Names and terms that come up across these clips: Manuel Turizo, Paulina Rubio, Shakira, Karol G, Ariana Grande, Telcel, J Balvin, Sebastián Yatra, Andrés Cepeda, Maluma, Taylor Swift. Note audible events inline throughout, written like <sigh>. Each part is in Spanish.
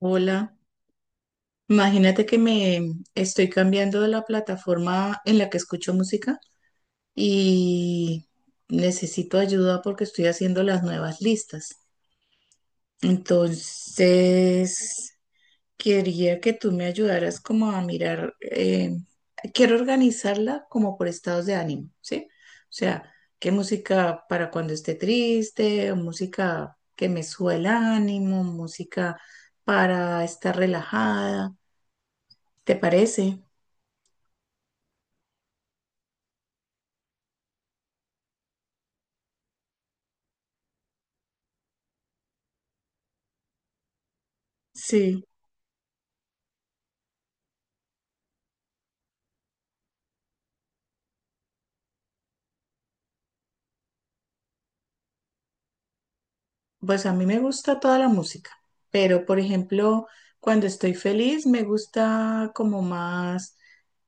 Hola, imagínate que me estoy cambiando de la plataforma en la que escucho música y necesito ayuda porque estoy haciendo las nuevas listas. Entonces, quería que tú me ayudaras como a mirar, quiero organizarla como por estados de ánimo, ¿sí? O sea, qué música para cuando esté triste, música que me suba el ánimo, música para estar relajada, ¿te parece? Sí, pues a mí me gusta toda la música, pero por ejemplo, cuando estoy feliz me gusta como más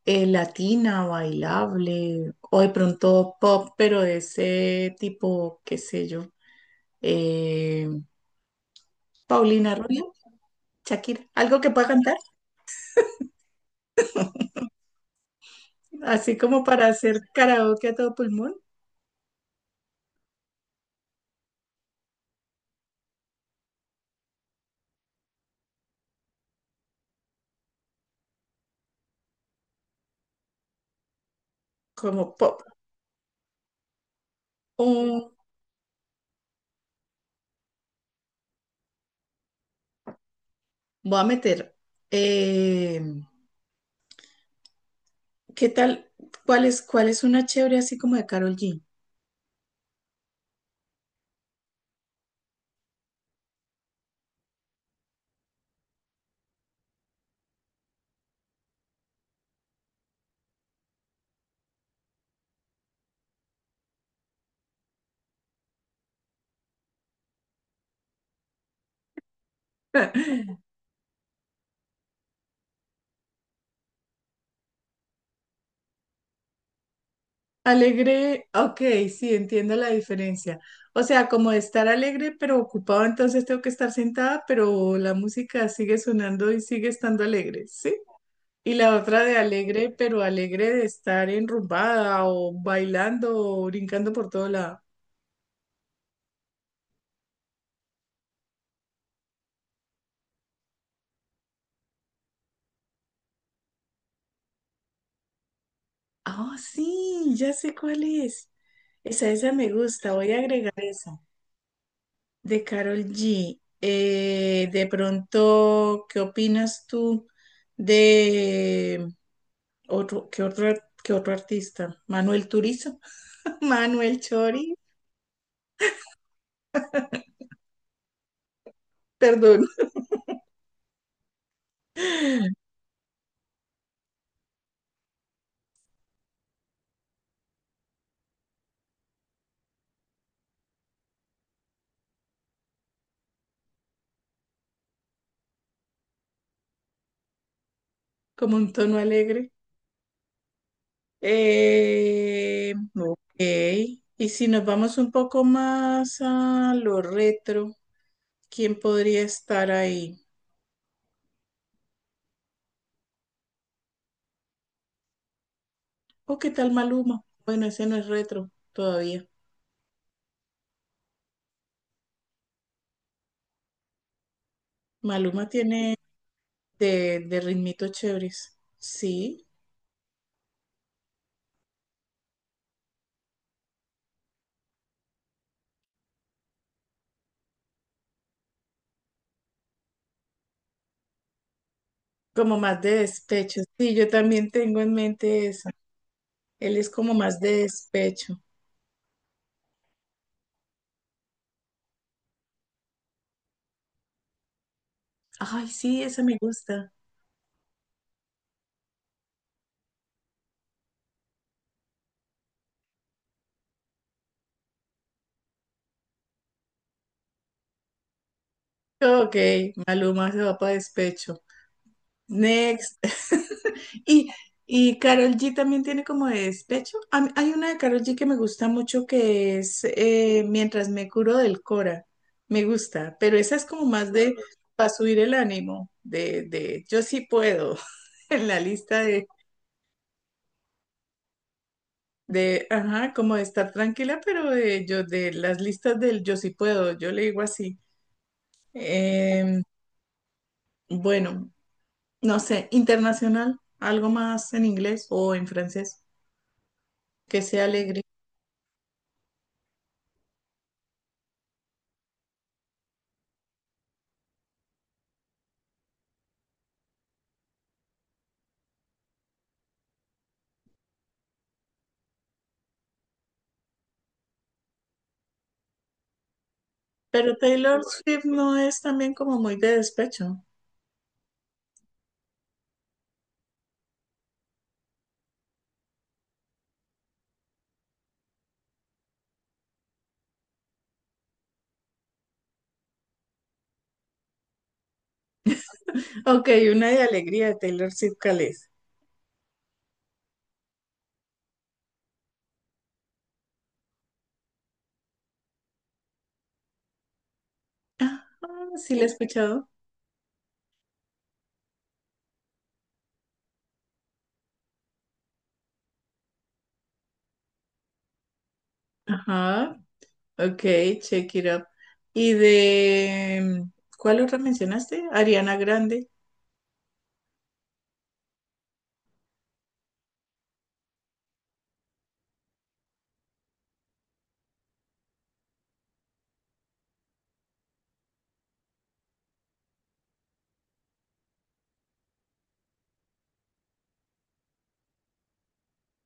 latina, bailable, o de pronto pop, pero de ese tipo, qué sé yo, eh, Paulina Rubio, Shakira, algo que pueda cantar, así como para hacer karaoke a todo pulmón, como pop. O voy a meter, eh, ¿qué tal? ¿Cuál es una chévere así como de Karol G? Alegre, ok, sí, entiendo la diferencia. O sea, como de estar alegre pero ocupado, entonces tengo que estar sentada, pero la música sigue sonando y sigue estando alegre, ¿sí? Y la otra de alegre, pero alegre de estar enrumbada o bailando o brincando por todo lado. Ah, sí, ya sé cuál es. Esa me gusta, voy a agregar esa. De Carol G. De pronto, ¿qué opinas tú de... Otro, ¿ qué otro artista? Manuel Turizo, <laughs> Manuel Chori, perdón, <laughs> como un tono alegre. Ok. Y si nos vamos un poco más a lo retro, ¿quién podría estar ahí? ¿O qué tal Maluma? Bueno, ese no es retro todavía. Maluma tiene de ritmitos chéveres. Sí, como más de despecho. Sí, yo también tengo en mente esa. Él es como más de despecho. Ay, sí, esa me gusta. Ok, Maluma se va para despecho. Next. <laughs> Y, y Karol G también tiene como de despecho. A mí- hay una de Karol G que me gusta mucho que es Mientras me curo del Cora. Me gusta, pero esa es como más de para subir el ánimo, de yo sí puedo, <laughs> en la lista de, ajá, como de estar tranquila, pero de, yo, de las listas del yo sí puedo, yo le digo así. Em, bueno, no sé, internacional, algo más en inglés o en francés, que sea alegre. Pero Taylor Swift no es también como muy de despecho. Ok, una de alegría de Taylor Swift, ¿cuál es? Ah, sí, la he escuchado. Ajá, ok, check it up. Y de, ¿cuál otra mencionaste? Ariana Grande,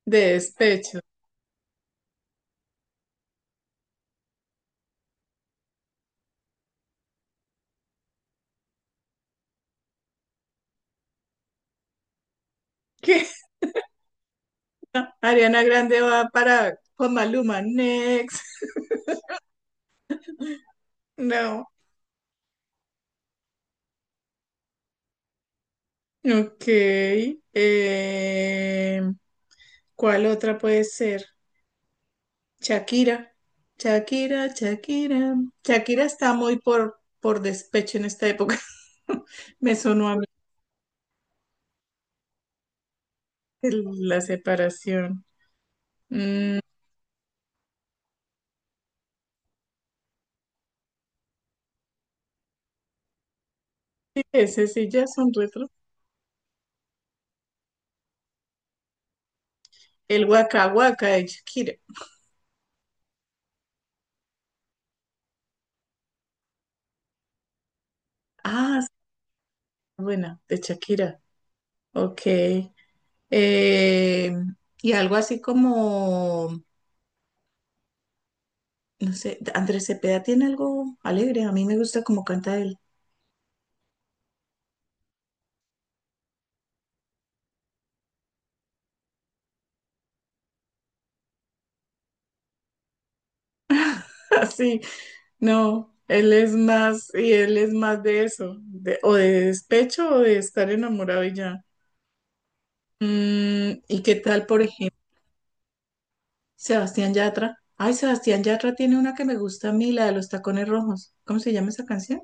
de despecho. ¿Qué? <laughs> Ariana Grande va para con Maluma, next. <laughs> No. Ok. em, ¿Cuál otra puede ser? Shakira. Shakira. Shakira está muy por despecho en esta época. <laughs> Me sonó a mí la separación. Mm, ese sí ya son retro. El Waka Waka de Shakira. Ah, sí, buena, de Shakira. Ok. Eh, y algo así como, no sé, Andrés Cepeda tiene algo alegre. A mí me gusta como canta él. <laughs> Así. No, y él es más de eso, o de despecho o de estar enamorado y ya. Mm, ¿y qué tal, por ejemplo, Sebastián Yatra? Ay, Sebastián Yatra tiene una que me gusta a mí, la de los tacones rojos. ¿Cómo se llama esa canción?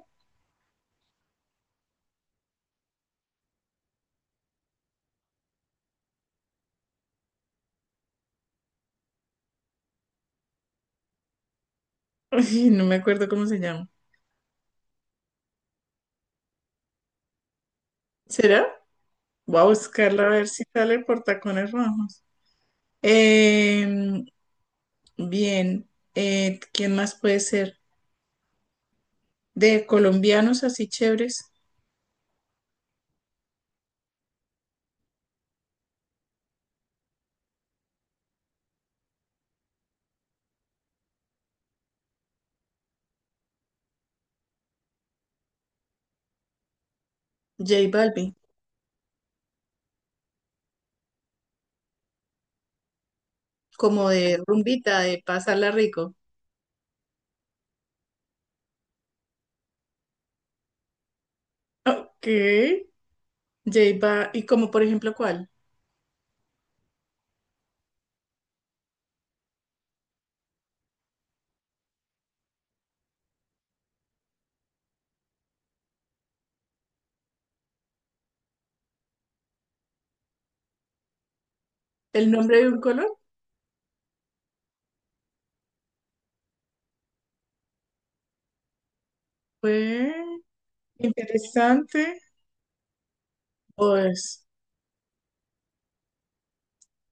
Ay, no me acuerdo cómo se llama. ¿Será? Voy a buscarla a ver si sale por tacones rojos. Em, bien, ¿quién más puede ser? De colombianos así chéveres, J Balvin. Como de rumbita, de pasarla rico. Ok, ¿y como por ejemplo cuál? ¿El nombre de un color? Fue interesante. Pues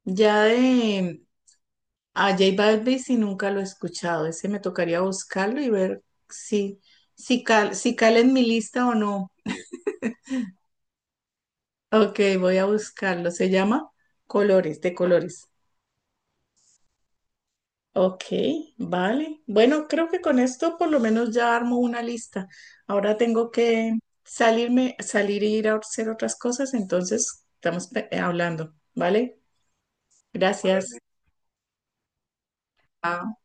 ya de a J Balvin si nunca lo he escuchado. Ese me tocaría buscarlo y ver si, si cala en mi lista o no. Ok, voy a buscarlo. Se llama Colores, de colores. Ok, vale. Bueno, creo que con esto por lo menos ya armo una lista. Ahora tengo que salirme, salir e ir a hacer otras cosas, entonces estamos hablando, ¿vale? Vale, gracias. Lina.